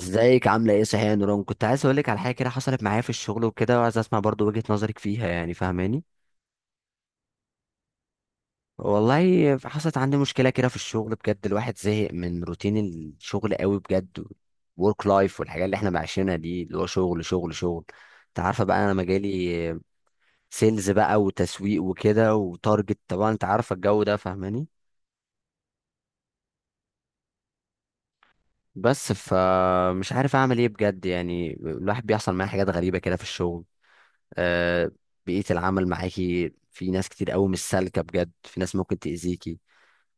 ازيك عامله ايه صحيح يا نوران؟ كنت عايز اقول لك على حاجه كده حصلت معايا في الشغل وكده، وعايز اسمع برضو وجهه نظرك فيها، يعني فاهماني؟ والله حصلت عندي مشكله كده في الشغل بجد، الواحد زهق من روتين الشغل قوي بجد. ورك لايف والحاجات اللي احنا عايشينها دي، اللي هو شغل شغل شغل. انت عارفه بقى انا مجالي سيلز بقى وتسويق وكده وتارجت، طبعا انت عارفه الجو ده. فاهماني؟ بس فمش عارف اعمل ايه بجد، يعني الواحد بيحصل معاه حاجات غريبه كده في الشغل. آه، بيئة العمل معاكي، في ناس كتير قوي مش سالكة بجد، في ناس ممكن تأذيكي.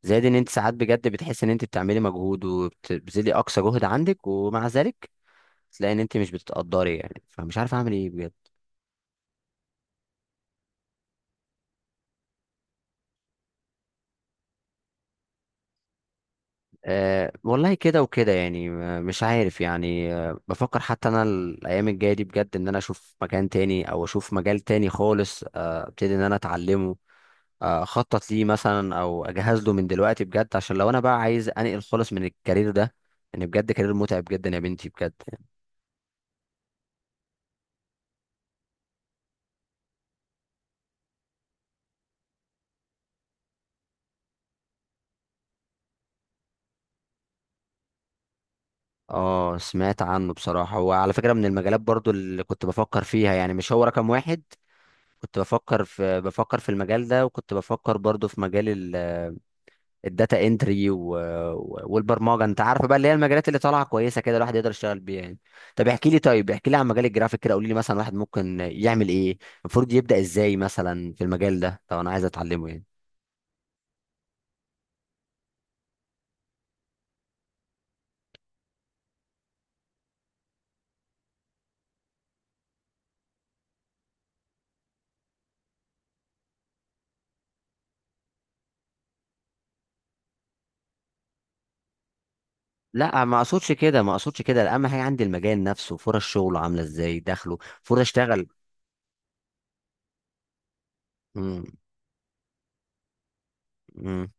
زائد ان انت ساعات بجد بتحس ان انت بتعملي مجهود وبتبذلي اقصى جهد عندك، ومع ذلك تلاقي ان انت مش بتتقدري، يعني فمش عارف اعمل ايه بجد. أه والله كده وكده يعني، مش عارف يعني بفكر حتى انا الايام الجايه دي بجد، ان انا اشوف مكان تاني او اشوف مجال تاني خالص، ابتدي ان انا اتعلمه. اخطط ليه مثلا او اجهز له من دلوقتي بجد، عشان لو انا بقى عايز انقل خالص من الكارير ده، ان بجد كارير متعب جدا يا بنتي بجد. اه سمعت عنه بصراحة، هو على فكرة من المجالات برضو اللي كنت بفكر فيها، يعني مش هو رقم واحد. كنت بفكر في المجال ده، وكنت بفكر برضو في مجال الداتا انتري والبرمجه، انت عارف بقى اللي هي المجالات اللي طالعه كويسه كده، الواحد يقدر يشتغل بيها يعني. طب احكي لي طيب احكي لي عن مجال الجرافيك كده، قولي لي مثلا واحد ممكن يعمل ايه، المفروض يبدا ازاي مثلا في المجال ده لو انا عايز اتعلمه يعني؟ لا ما اقصدش كده، ما اقصدش كده، اهم حاجه عندي المجال نفسه، فرص شغله عامله ازاي، دخله، فرص اشتغل. امم امم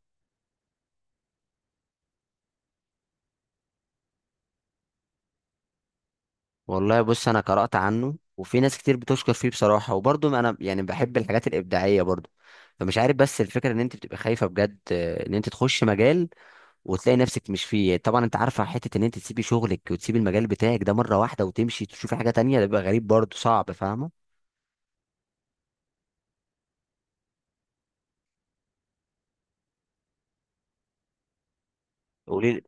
والله بص انا قرات عنه، وفي ناس كتير بتشكر فيه بصراحه، وبرضه انا يعني بحب الحاجات الابداعيه برضه. فمش عارف، بس الفكره ان انت بتبقى خايفه بجد، ان انت تخش مجال وتلاقي نفسك مش فيه، طبعا انت عارفه حته ان انت تسيبي شغلك وتسيبي المجال بتاعك ده مره واحده وتمشي تشوفي حاجه تانية، ده بيبقى غريب برضه، صعب، فاهمه؟ قولي لي.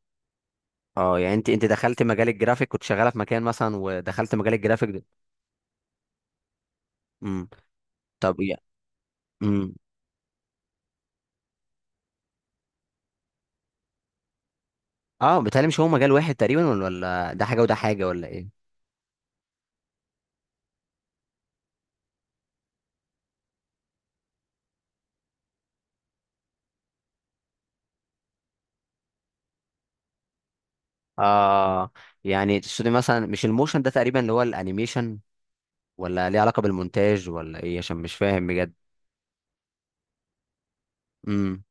اه، يعني انت دخلت مجال الجرافيك، كنت شغاله في مكان مثلا ودخلت مجال الجرافيك ده. امم طب يا امم اه، بيتهيألي مش هو مجال واحد تقريبا، ولا ده حاجه وده حاجه ولا ايه؟ اه يعني تقصدي مثلا مش الموشن ده تقريبا اللي هو الانيميشن، ولا ليه علاقه بالمونتاج ولا ايه؟ عشان مش فاهم بجد. امم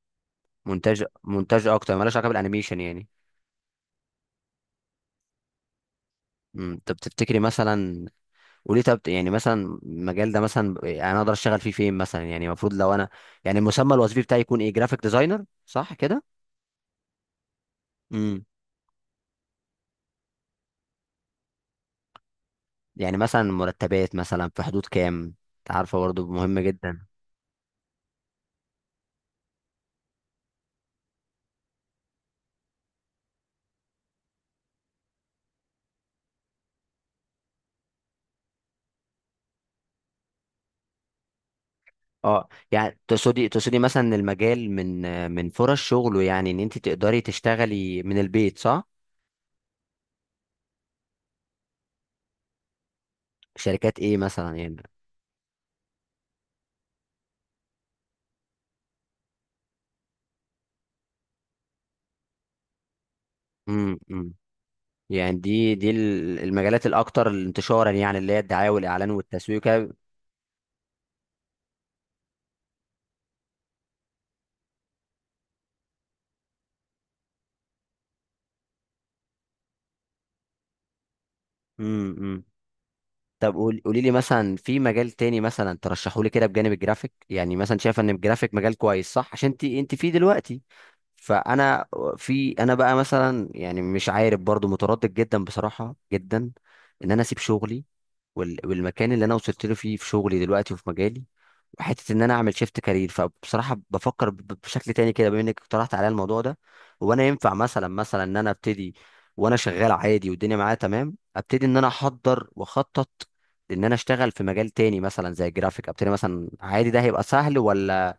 مونتاج مونتاج اكتر مالوش علاقه بالانيميشن يعني. طب تفتكري مثلا، وليه طب يعني مثلا المجال ده مثلا يعني انا اقدر اشتغل فيه فين مثلا، يعني المفروض لو انا يعني المسمى الوظيفي بتاعي يكون ايه، جرافيك ديزاينر صح كده؟ امم يعني مثلا مرتبات مثلا في حدود كام؟ انت عارفه برضه مهم جدا. اه يعني تقصدي مثلا إن المجال من فرص شغله، يعني ان انت تقدري تشتغلي من البيت صح؟ شركات ايه مثلا يعني؟ أمم. يعني دي المجالات الاكثر انتشارا، يعني اللي هي الدعايه والاعلان والتسويق. امم طب، قولي لي مثلا في مجال تاني مثلا ترشحوا لي كده بجانب الجرافيك، يعني مثلا شايفه ان الجرافيك مجال كويس صح، عشان انت فيه دلوقتي. فانا في انا بقى مثلا يعني مش عارف برضو، متردد جدا بصراحه جدا، ان انا اسيب شغلي والمكان اللي انا وصلت له فيه في شغلي دلوقتي وفي مجالي، حته ان انا اعمل شيفت كارير، فبصراحه بفكر بشكل تاني كده، بما انك اقترحت عليا الموضوع ده. وانا ينفع مثلا ان انا ابتدي، وانا شغال عادي والدنيا معايا تمام، ابتدي ان انا احضر واخطط ان انا اشتغل في مجال تاني مثلا زي الجرافيك، ابتدي مثلا عادي، ده هيبقى سهل ولا؟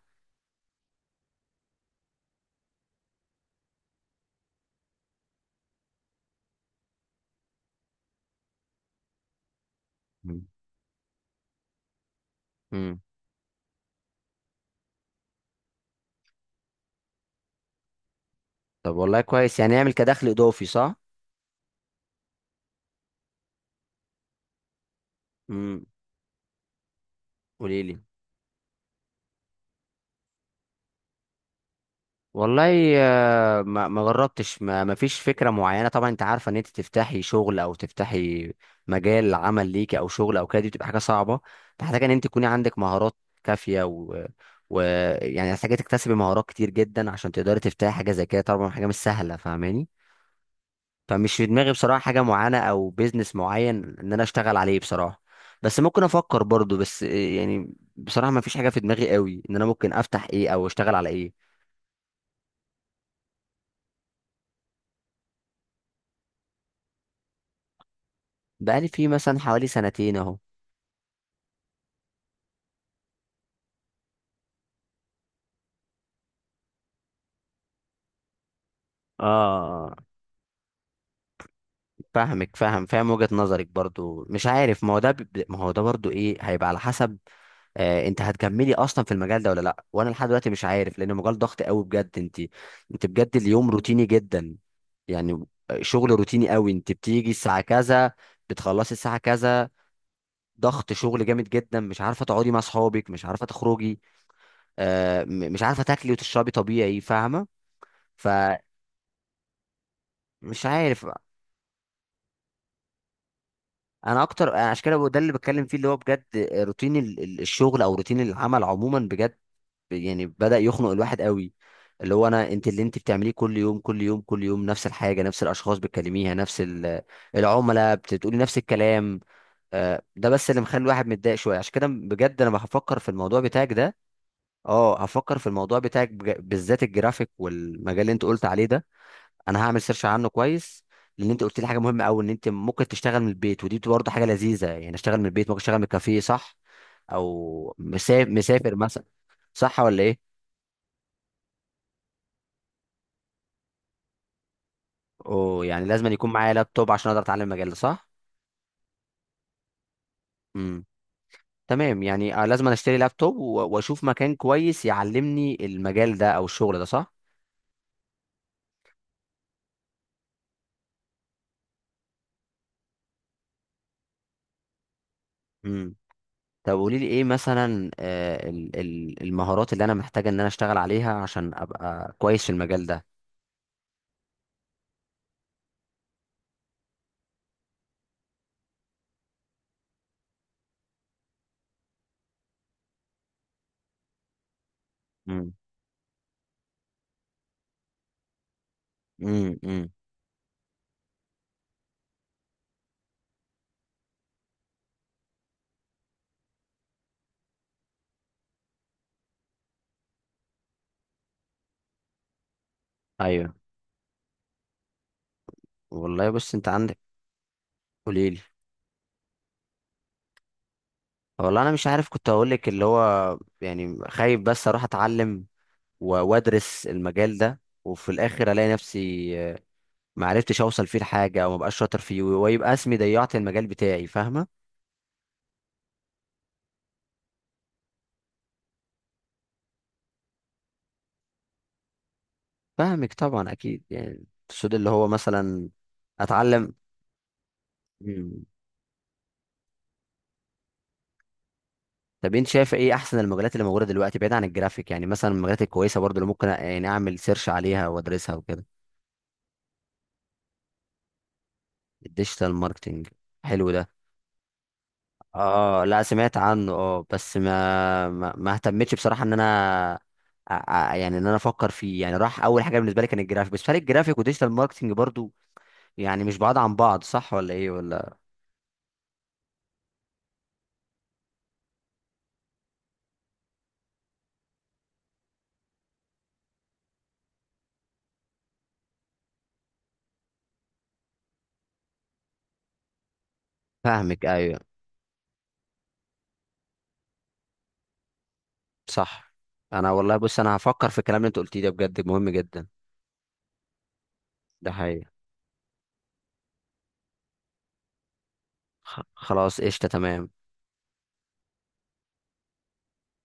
مم. مم. طب والله كويس، يعني اعمل كدخل اضافي صح؟ امم قولي لي. والله ما جربتش، ما فيش فكره معينه، طبعا انت عارفه ان انت تفتحي شغل او تفتحي مجال عمل ليكي او شغل او كده، دي بتبقى حاجه صعبه، محتاجه ان انت تكوني عندك مهارات كافيه، و ويعني محتاجه تكتسبي مهارات كتير جدا عشان تقدري تفتحي حاجه زي كده، طبعا حاجه مش سهله، فاهماني؟ فمش في دماغي بصراحه حاجه معينه او بيزنس معين ان انا اشتغل عليه بصراحه، بس ممكن افكر برضو، بس يعني بصراحه ما فيش حاجه في دماغي قوي ان انا ممكن افتح ايه او اشتغل على ايه. بقالي فيه مثلا حوالي 2 سنين اهو. اه فاهمك، فاهم فاهم وجهة نظرك برضو، مش عارف، ما هو ده برضو ايه، هيبقى على حسب انت هتكملي اصلا في المجال ده ولا لا، وانا لحد دلوقتي مش عارف، لان المجال ضغط قوي بجد، انت بجد اليوم روتيني جدا، يعني شغل روتيني قوي، انت بتيجي الساعة كذا، بتخلصي الساعة كذا، ضغط شغل جامد جدا، مش عارفة تقعدي مع اصحابك، مش عارفة تخرجي، مش عارفة تاكلي وتشربي طبيعي، فاهمة؟ فمش عارف انا اكتر، أنا عشان كده ده اللي بتكلم فيه اللي هو بجد روتين الشغل او روتين العمل عموما بجد، يعني بدأ يخنق الواحد قوي، اللي هو انت اللي انت بتعمليه كل يوم كل يوم كل يوم نفس الحاجه، نفس الاشخاص بتكلميها، نفس العملاء بتقولي نفس الكلام، ده بس اللي مخلي الواحد متضايق شويه، عشان كده بجد انا هفكر في الموضوع بتاعك ده. اه هفكر في الموضوع بتاعك بالذات الجرافيك والمجال اللي انت قلت عليه ده، انا هعمل سيرش عنه كويس، لان انت قلت لي حاجه مهمه قوي ان انت ممكن تشتغل من البيت، ودي برضه حاجه لذيذه، يعني اشتغل من البيت، ممكن اشتغل من الكافيه صح، او مسافر مسافر مثلا، صح ولا ايه؟ او يعني لازم أن يكون معايا لابتوب عشان اقدر اتعلم المجال ده صح؟ امم تمام يعني لازم أنا اشتري لابتوب واشوف مكان كويس يعلمني المجال ده او الشغل ده صح؟ امم طب قولي لي ايه مثلا، المهارات اللي انا محتاجه ان انا اشتغل عليها عشان ابقى كويس في المجال ده؟ امم امم امم ايوه والله بص انت عندك قليل. والله انا مش عارف، كنت هقول لك اللي هو يعني خايف بس اروح اتعلم وادرس المجال ده، وفي الاخر الاقي نفسي ما عرفتش اوصل فيه لحاجه او ما بقاش شاطر فيه، ويبقى اسمي ضيعت المجال بتاعي، فاهمه؟ فاهمك طبعا اكيد يعني، السود اللي هو مثلا، اتعلم. مم. طب انت شايف ايه احسن المجالات اللي موجوده دلوقتي بعيد عن الجرافيك، يعني مثلا المجالات الكويسه برضو اللي ممكن يعني اعمل سيرش عليها وادرسها وكده؟ الديجيتال ماركتنج، حلو ده. اه لا سمعت عنه، بس ما اهتمتش بصراحه ان انا يعني ان انا افكر فيه، يعني راح اول حاجه بالنسبه لي كان الجرافيك، بس فرق الجرافيك وديجيتال ماركتنج برضو، يعني مش بعاد عن بعض صح ولا ايه ولا؟ فاهمك ايوه صح. انا والله بص انا هفكر في الكلام اللي انت قلتيه ده بجد مهم جدا. ده حقيقي. خلاص قشطه تمام.